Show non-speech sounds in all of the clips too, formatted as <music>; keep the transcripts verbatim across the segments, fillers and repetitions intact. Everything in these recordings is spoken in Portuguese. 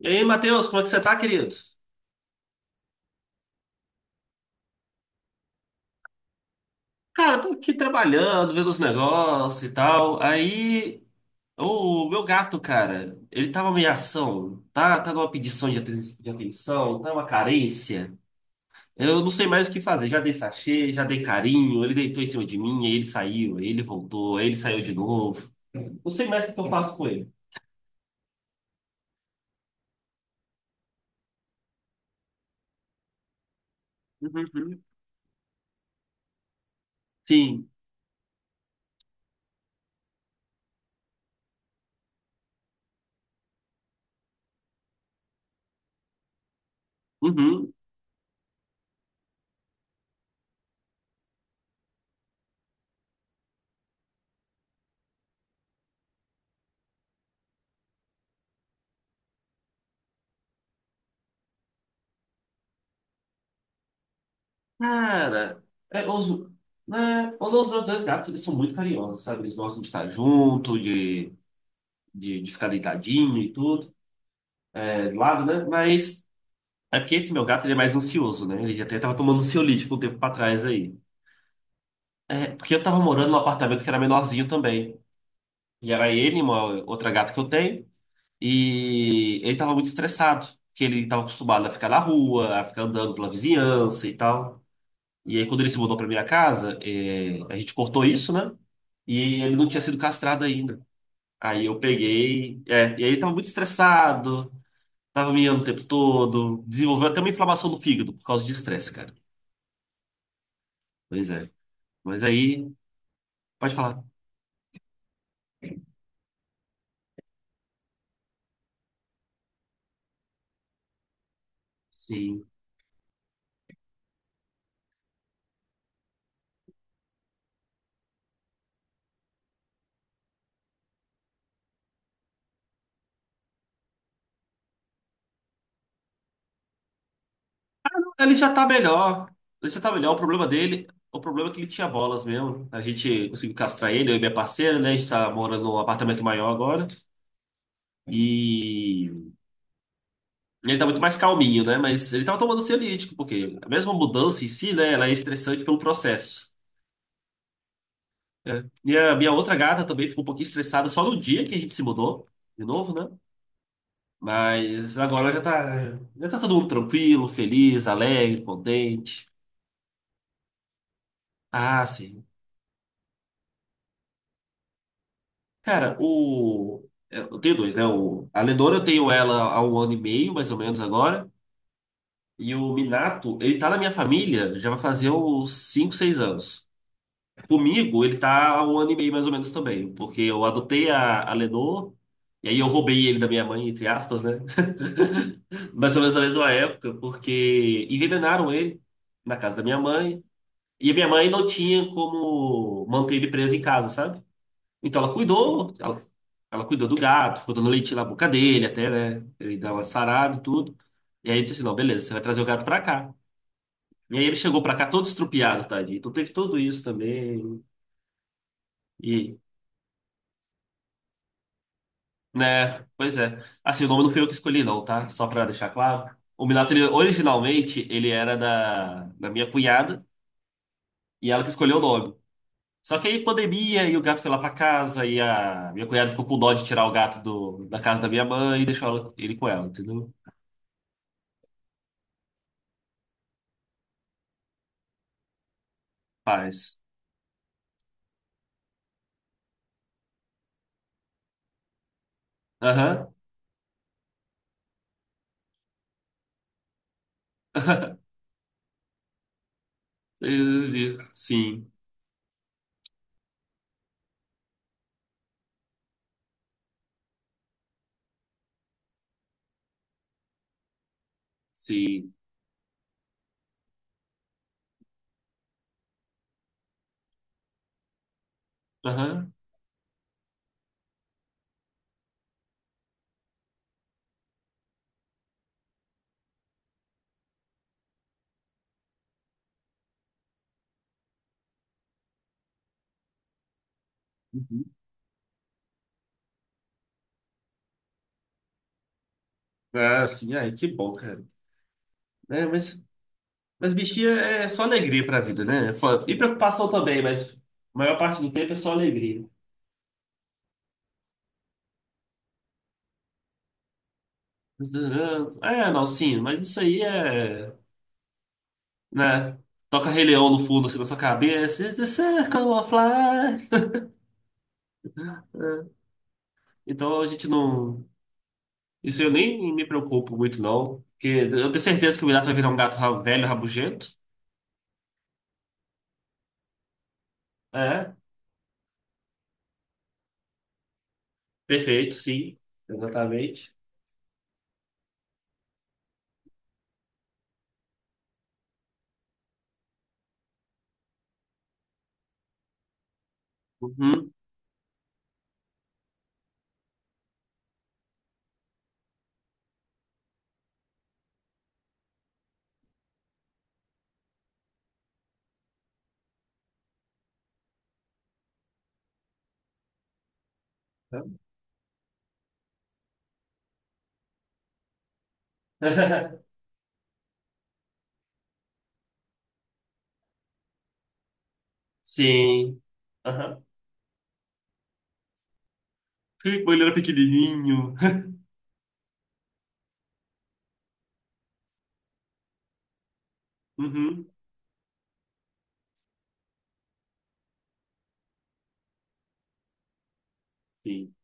E aí, Matheus, como é que você tá, querido? Cara, eu tô aqui trabalhando, vendo os negócios e tal. Aí, o meu gato, cara, ele tá uma ameação, tá? Tá numa pedição de aten- de atenção, tá uma carência. Eu não sei mais o que fazer. Já dei sachê, já dei carinho, ele deitou em cima de mim, aí ele saiu, aí ele voltou, aí ele saiu de novo. Não sei mais o que eu faço com ele. Uhum, uhum. Sim. Uhum. Cara, é, os, né, os meus dois gatos, eles são muito carinhosos, sabe? Eles gostam de estar junto, de de, de ficar deitadinho e tudo, é, do lado, né? Mas é porque esse meu gato ele é mais ansioso, né? Ele até tava tomando ansiolítico um tempo pra trás aí. É, porque eu tava morando num apartamento que era menorzinho também. E era ele, e uma outra gata que eu tenho, e ele tava muito estressado, porque ele tava acostumado a ficar na rua, a ficar andando pela vizinhança e tal. E aí, quando ele se mudou pra minha casa, é, a gente cortou isso, né? E ele não tinha sido castrado ainda. Aí eu peguei. É, e aí ele tava muito estressado, tava miando o tempo todo, desenvolveu até uma inflamação no fígado por causa de estresse, cara. Pois é. Mas aí, pode falar. Sim. Ele já tá melhor. Ele já tá melhor. O problema dele, o problema é que ele tinha bolas mesmo. A gente conseguiu castrar ele, eu e minha parceira, né? A gente tá morando num apartamento maior agora. E ele tá muito mais calminho, né? Mas ele tava tomando ansiolítico, porque a mesma mudança em si, né? Ela é estressante pelo processo. Né? E a minha outra gata também ficou um pouquinho estressada só no dia que a gente se mudou, de novo, né? Mas agora já tá, já tá todo mundo tranquilo, feliz, alegre, contente. Ah, sim. Cara, o. Eu tenho dois, né? O... A Lenora eu tenho ela há um ano e meio, mais ou menos agora. E o Minato, ele tá na minha família, já vai fazer uns cinco seis anos. Comigo, ele tá há um ano e meio, mais ou menos também. Porque eu adotei a, a Lenor, e aí eu roubei ele da minha mãe, entre aspas, né? <laughs> Mais ou menos na mesma época, porque envenenaram ele na casa da minha mãe. E a minha mãe não tinha como manter ele preso em casa, sabe? Então ela cuidou, ela, ela cuidou do gato, ficou dando leite na boca dele até, né? Ele dava uma sarada e tudo. E aí eu disse assim, não, beleza, você vai trazer o gato pra cá. E aí ele chegou pra cá todo estrupiado, tadinho. Então teve tudo isso também. E, né, pois é. Assim, o nome não foi eu que escolhi não, tá? Só pra deixar claro. O Minato, ele, originalmente, ele era da, da minha cunhada e ela que escolheu o nome. Só que aí pandemia e o gato foi lá pra casa e a minha cunhada ficou com dó de tirar o gato do, da casa da minha mãe e deixou ela- ele com ela, entendeu? Paz. Aham. Eh, Sim, sim. Aham. Uhum. Ah, sim. Ai, que bom, cara. É, mas, mas, bichinha é só alegria pra vida, né? É foda. E preocupação também, mas a maior parte do tempo é só alegria. É, não, sim, mas isso aí é, né? Toca Rei Leão no fundo, assim, na sua cabeça. It's the circle of life. Então a gente não. Isso eu nem me preocupo muito, não. Porque eu tenho certeza que o gato vai virar um gato ra- velho, rabugento. É, perfeito, sim. Exatamente. Uhum. <laughs> Sim. Aham. Quando ele era pequenininho. <laughs> Uhum. Sim.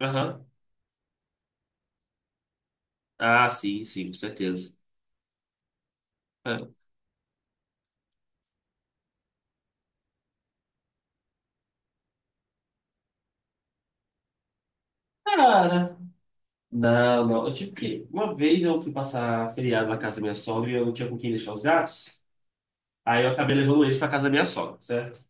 Aham. Ah, sim, sim, com certeza. É. Cara, não, não. Eu tive que. Uma vez eu fui passar feriado na casa da minha sogra e eu não tinha com quem deixar os gatos. Aí eu acabei levando eles pra casa da minha sogra, certo?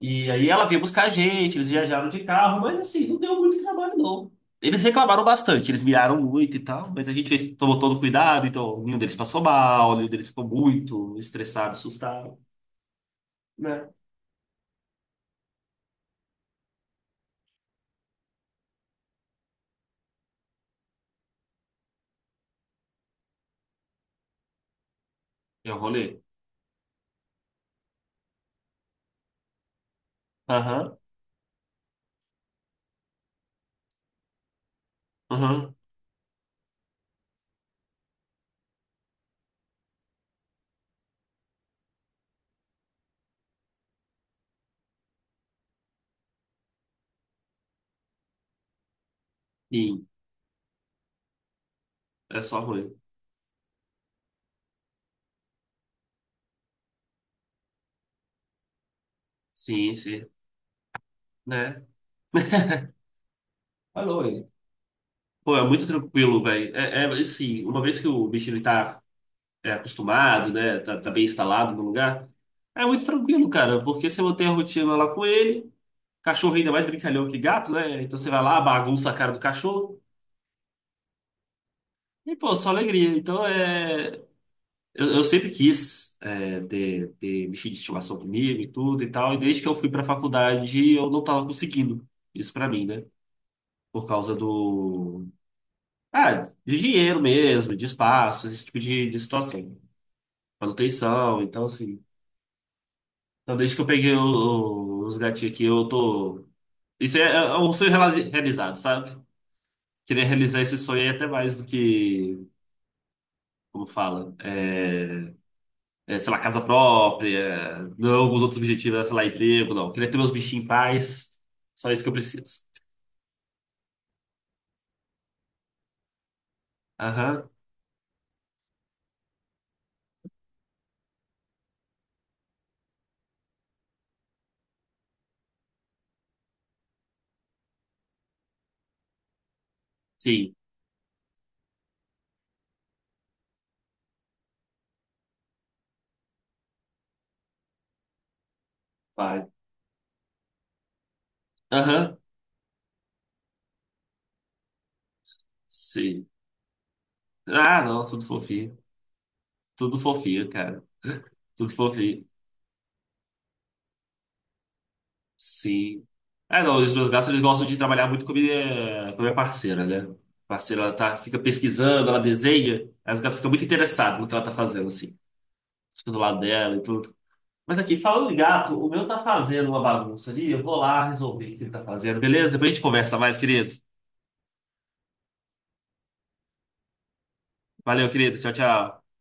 E aí ela veio buscar a gente, eles viajaram de carro, mas assim, não deu muito trabalho, não. Eles reclamaram bastante, eles miraram muito e tal, mas a gente fez, tomou todo cuidado, então nenhum deles passou mal, nenhum deles ficou muito estressado, assustado, né? É o rolê. Aham, aham, sim, é só ruim. Sim, sim, né? Falou hein? Pô, é muito tranquilo, velho. É, é assim, uma vez que o bichinho tá é, acostumado, né? Tá, tá bem instalado no lugar, é muito tranquilo, cara, porque você mantém a rotina lá com ele. Cachorro ainda é mais brincalhão que gato, né? Então você vai lá, bagunça a cara do cachorro. E, pô, só alegria. Então é. Eu, eu sempre quis é, ter, ter bichinho de estimação comigo e tudo e tal. E desde que eu fui pra faculdade, eu não tava conseguindo isso pra mim, né? Por causa do. Ah, de dinheiro mesmo, de espaço, esse tipo de, de situação. Manutenção, então assim. Então desde que eu peguei o- o- os gatinhos aqui, eu tô. Isso é, é um sonho realiza- realizado, sabe? Queria realizar esse sonho aí até mais do que. Como fala, é, é, sei lá, casa própria, não é alguns outros objetivos, é, sei lá, emprego, não. Eu queria ter meus bichinhos em paz, só isso que eu preciso. Aham, sim, vai. Aham, sim. Ah, não, tudo fofinho. Tudo fofinho, cara. Tudo fofinho, sim. Ah, não, os meus gatos, eles gostam de trabalhar muito com a minha, com a minha parceira, né? A parceira, ela tá, fica pesquisando, ela desenha, as gatas ficam muito interessadas no que ela tá fazendo, assim. Fica do lado dela e tudo. Mas aqui, falando de gato, o meu tá fazendo uma bagunça ali. Eu vou lá resolver o que ele tá fazendo, beleza? Depois a gente conversa mais, querido. Valeu, querido. Tchau, tchau.